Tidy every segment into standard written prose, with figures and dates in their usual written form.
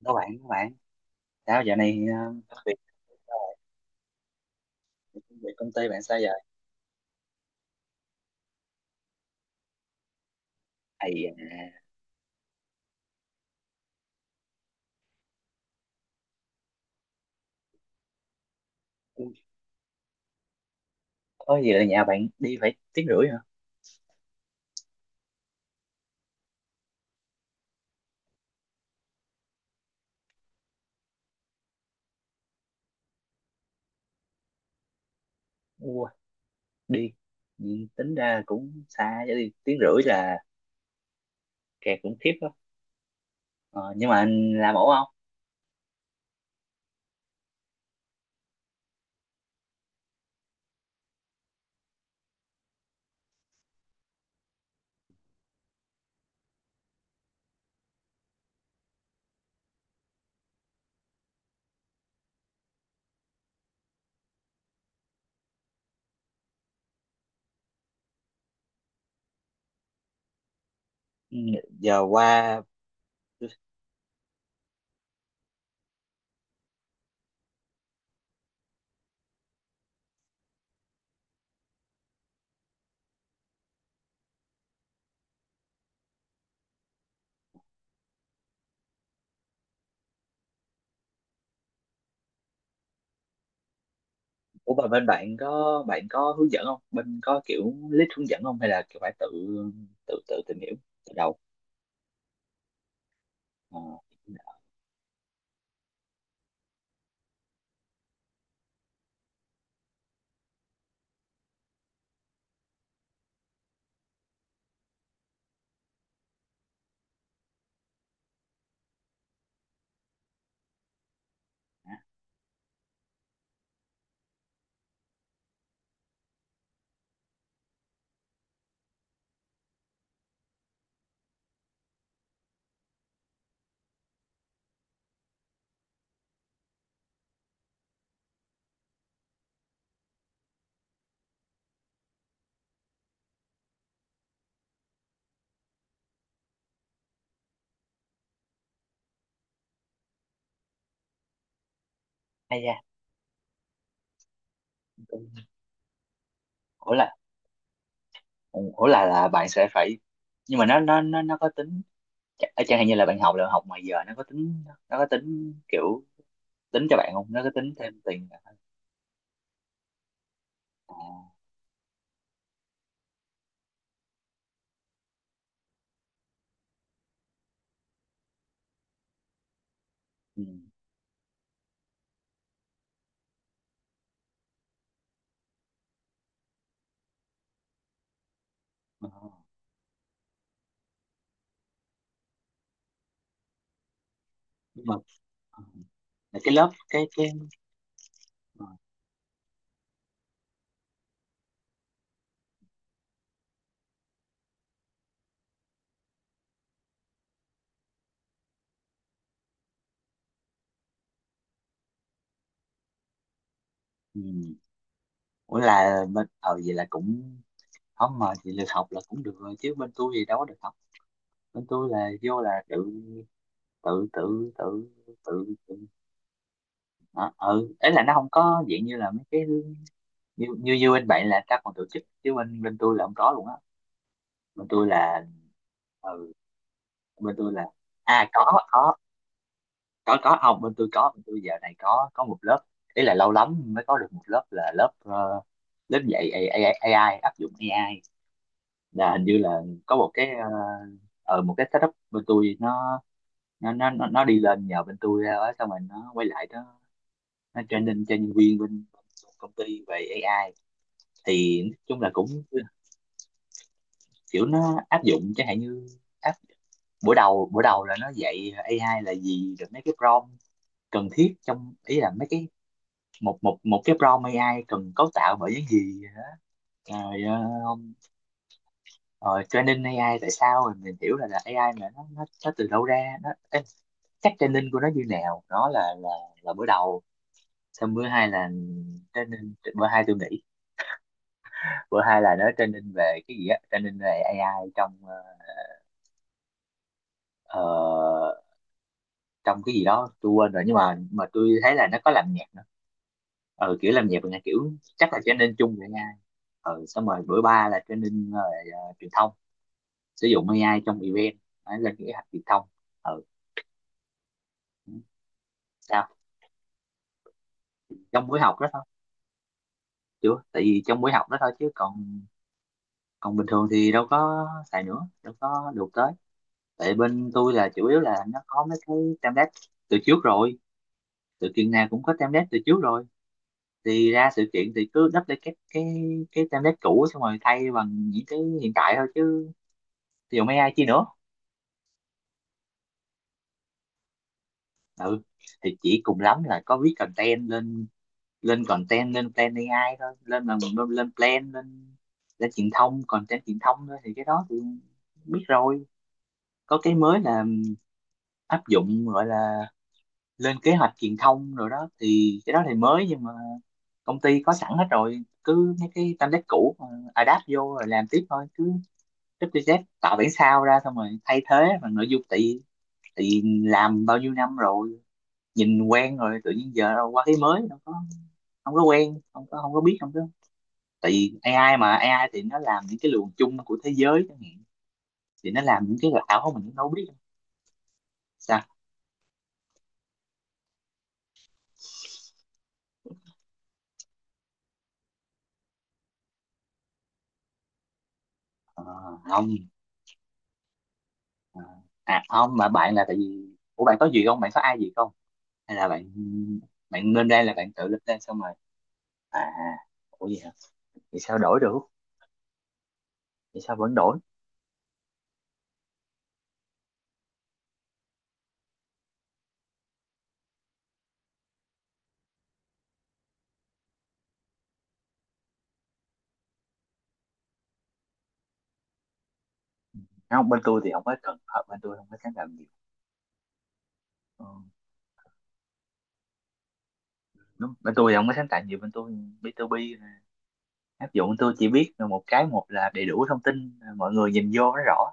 Đó bạn, sao giờ này, công việc công việc công ty bạn sao giờ thầy? ờ, có gì là nhà bạn đi phải tiếng rưỡi hả? Ua, đi. Ừ, tính ra cũng xa chứ, đi tiếng rưỡi là kẹt cũng khiếp đó. Ờ, nhưng mà anh làm ổn không? Ừ, giờ qua. Ủa mà bên bạn có, bạn có hướng dẫn không, bên có kiểu list hướng dẫn không hay là kiểu phải tự tự tự tìm hiểu từ đầu? ờ, Hay da. Ủa là ủa là là bạn sẽ phải, nhưng mà nó có tính, chẳng hạn như là bạn học là học ngoài giờ, nó có tính, nó có tính kiểu tính cho bạn không, nó có tính thêm tiền bạn không? À, ừ. Ờ. Nhưng mà ờ, là cái lớp, cái ờ, ừ. Ủa là bên, ờ vậy là cũng không, mà chị được học là cũng được rồi chứ bên tôi thì đâu có được học. Bên tôi là vô là tự tự tự, tự. Đó. Ừ, ấy là nó không có dạng như là mấy cái như như bên bạn là các còn tổ chức, chứ bên bên tôi là không có luôn á. Bên tôi là ừ, bên tôi là à, có, có, không bên tôi có, bên tôi giờ này có một lớp, ý là lâu lắm mới có được một lớp là lớp lớp dạy AI, AI áp dụng AI là hình như là có một cái một cái setup bên tôi nó nó đi lên nhờ bên tôi ra đó, xong rồi nó quay lại nó training cho nhân viên bên công ty về AI. Thì nói chung là cũng kiểu nó áp dụng chẳng hạn như áp, buổi đầu là nó dạy AI là gì, rồi mấy cái prompt cần thiết trong, ý là mấy cái một một một cái prompt AI cần cấu tạo bởi những gì, rồi rồi training AI tại sao, rồi mình hiểu là AI mà nó nó từ đâu ra nó cách training của nó như nào, nó là bữa đầu. Xong bữa hai là training bữa hai, tôi nghĩ bữa hai là nó training về cái gì á, training về AI trong ờ, trong cái gì đó tôi quên rồi nhưng mà tôi thấy là nó có làm nhạc nữa. Ờ kiểu làm nhạc là kiểu chắc là training chung với AI. Ờ xong rồi bữa ba là training rồi truyền thông sử dụng AI trong event, phải lên cái học truyền thông. Ờ sao? Trong buổi học đó thôi. Chưa, tại vì trong buổi học đó thôi chứ còn, còn bình thường thì đâu có xài nữa, đâu có được tới. Tại bên tôi là chủ yếu là nó có mấy cái template từ trước rồi, từ Kiên Nam cũng có template từ trước rồi, thì ra sự kiện thì cứ đắp lại cái cái template cũ xong rồi thay bằng những cái hiện tại thôi, chứ dùng AI chi nữa. Ừ thì chỉ cùng lắm là có viết content lên, lên content, lên plan AI thôi, lên là lên, lên plan lên, lên truyền thông, content truyền thông thôi thì cái đó thì biết rồi. Có cái mới là áp dụng gọi là lên kế hoạch truyền thông rồi đó, thì cái đó thì mới. Nhưng mà công ty có sẵn hết rồi, cứ mấy cái template cũ mà adapt vô rồi làm tiếp thôi, cứ WZ tạo bản sao ra xong rồi thay thế bằng nội dung, tại tại làm bao nhiêu năm rồi nhìn quen rồi, tự nhiên giờ đâu qua cái mới đâu có, không có quen, không có, không có biết, không có. Tại vì AI mà AI thì nó làm những cái luồng chung của thế giới chẳng hạn, thì nó làm những cái ảo mình cũng đâu biết sao. Ờ, không. Ờ, à không mà bạn là tại vì, ủa bạn có gì không, bạn có ai gì không, hay là bạn, bạn lên đây là bạn tự lên đây xong rồi à, ủa gì hả? Thì sao đổi được? Thì sao vẫn đổi? Không bên tôi thì không có cần hợp, bên tôi không có sáng tạo nhiều. Ờ, đúng, bên tôi thì không có sáng tạo nhiều, bên tôi B2B áp dụng, tôi chỉ biết một cái, một là đầy đủ thông tin mọi người nhìn vô nó rõ.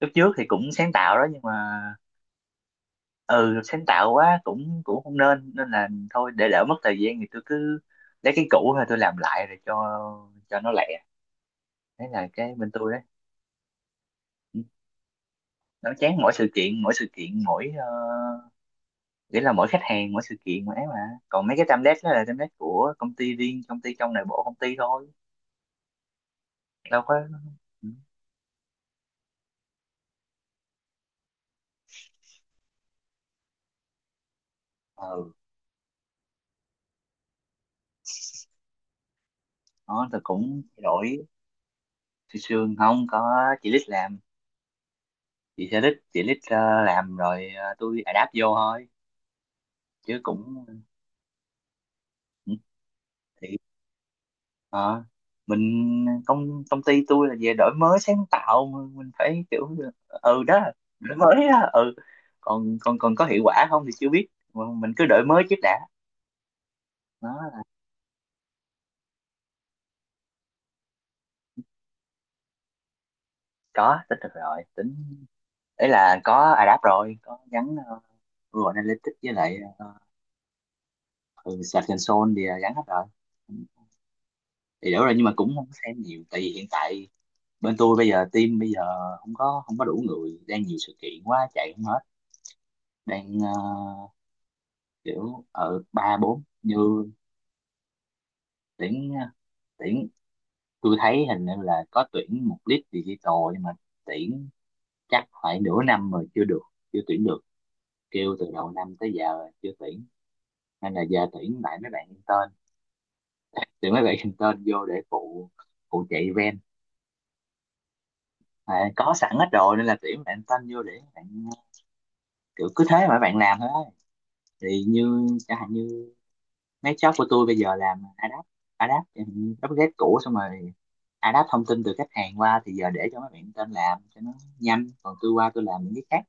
Lúc trước thì cũng sáng tạo đó nhưng mà ừ sáng tạo quá cũng cũng không nên, nên là thôi để đỡ mất thời gian thì tôi cứ lấy cái cũ thôi, tôi làm lại rồi cho nó lẹ. Đấy là cái bên tôi đấy. Ừ, nó chán mỗi sự kiện, mỗi sự kiện, mỗi nghĩa là mỗi khách hàng, mỗi sự kiện mà ấy mà, còn mấy cái template đó là template của công ty riêng, công ty trong nội bộ công ty thôi, đâu có ừ. Ừ. Đó tôi cũng thay đổi, xương xương không có, chị lít làm, chị sẽ lít, chị lít làm rồi, tôi adapt vô thôi chứ cũng ừ, thì ờ, mình, công công ty tôi là về đổi mới sáng tạo mà, mình phải kiểu ừ đó, đổi mới đó ừ, còn còn còn có hiệu quả không thì chưa biết, mà mình cứ đổi mới trước đã. Đó có tích được rồi tính, ấy là có adapt rồi, có gắn Google Analytics với lại ừ, Search Console thì là gắn hết rồi thì đủ rồi, nhưng mà cũng không có xem nhiều tại vì hiện tại bên tôi bây giờ team bây giờ không có, không có đủ người, đang nhiều sự kiện quá chạy không hết, đang kiểu ở ba bốn như, tuyển tuyển, tôi thấy hình như là có tuyển một lead digital nhưng mà tuyển chắc phải nửa năm rồi chưa được, chưa tuyển được, kêu từ đầu năm tới giờ chưa tuyển, nên là giờ tuyển lại mấy bạn intern, tuyển mấy bạn intern vô để phụ, phụ chạy event, à, có sẵn hết rồi nên là tuyển bạn intern vô để bạn kiểu cứ thế mà bạn làm thôi, thì như chẳng hạn như mấy job của tôi bây giờ làm adapt, adapt em update cũ xong rồi adapt thông tin từ khách hàng qua thì giờ để cho mấy bạn tên làm cho nó nhanh, còn tôi qua tôi làm những cái khác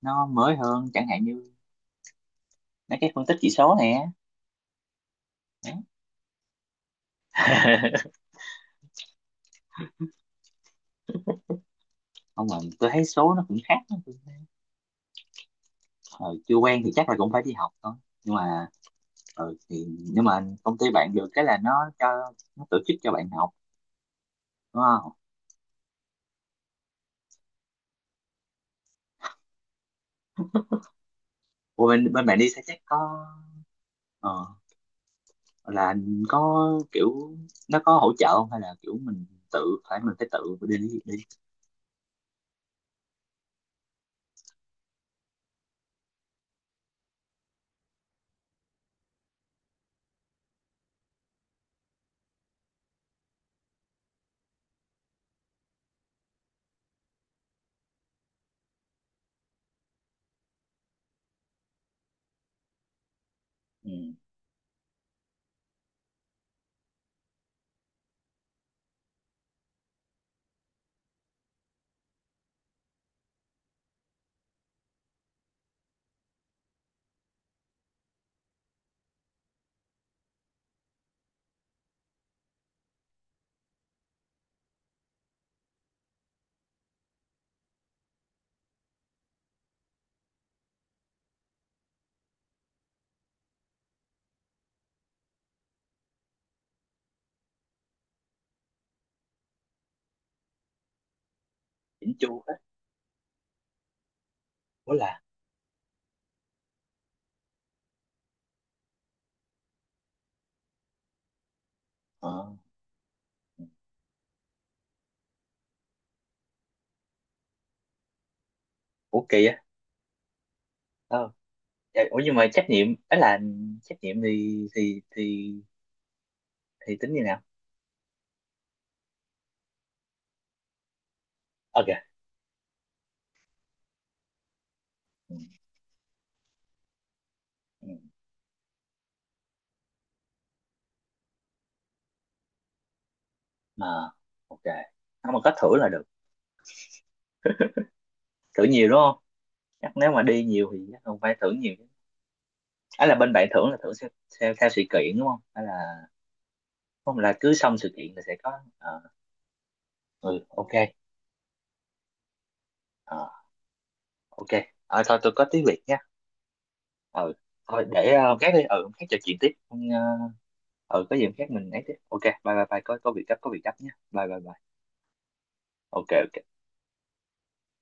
nó mới hơn, chẳng hạn như mấy cái phân tích chỉ số nè. Không mà tôi thấy số nó cũng khác, hồi chưa quen thì chắc là cũng phải đi học thôi nhưng mà ừ, thì nhưng mà công ty bạn được cái là nó cho, nó tổ chức cho bạn học đúng không? Ủa, bên bên bạn đi sẽ chắc có ờ, là có kiểu nó có hỗ trợ không hay là kiểu mình tự, phải mình phải tự đi đi ừ, chỉnh chu á. Ủa là ờ, ủa kỳ á ờ. Dạ, ủa nhưng mà trách nhiệm ấy là trách nhiệm thì thì tính như nào? Ok. Ừ, ừ, mà ok, không mà có thưởng là được, thưởng nhiều đúng không? Chắc nếu mà đi nhiều thì chắc không phải thưởng nhiều. Ấy là bên bạn thưởng là thưởng theo, theo, theo sự kiện đúng không hay là không là cứ xong sự kiện là sẽ có ờ, ừ ok ờ, ok. Ờ, thôi tôi có tiếng Việt nha. Ừ thôi để hôm khác đi, ừ hôm khác trò chuyện tiếp. Hôm, ừ có gì hôm khác mình ấy tiếp, ok bye bye bye, có việc gấp, có việc gấp nha, bye bye bye. Ok ok.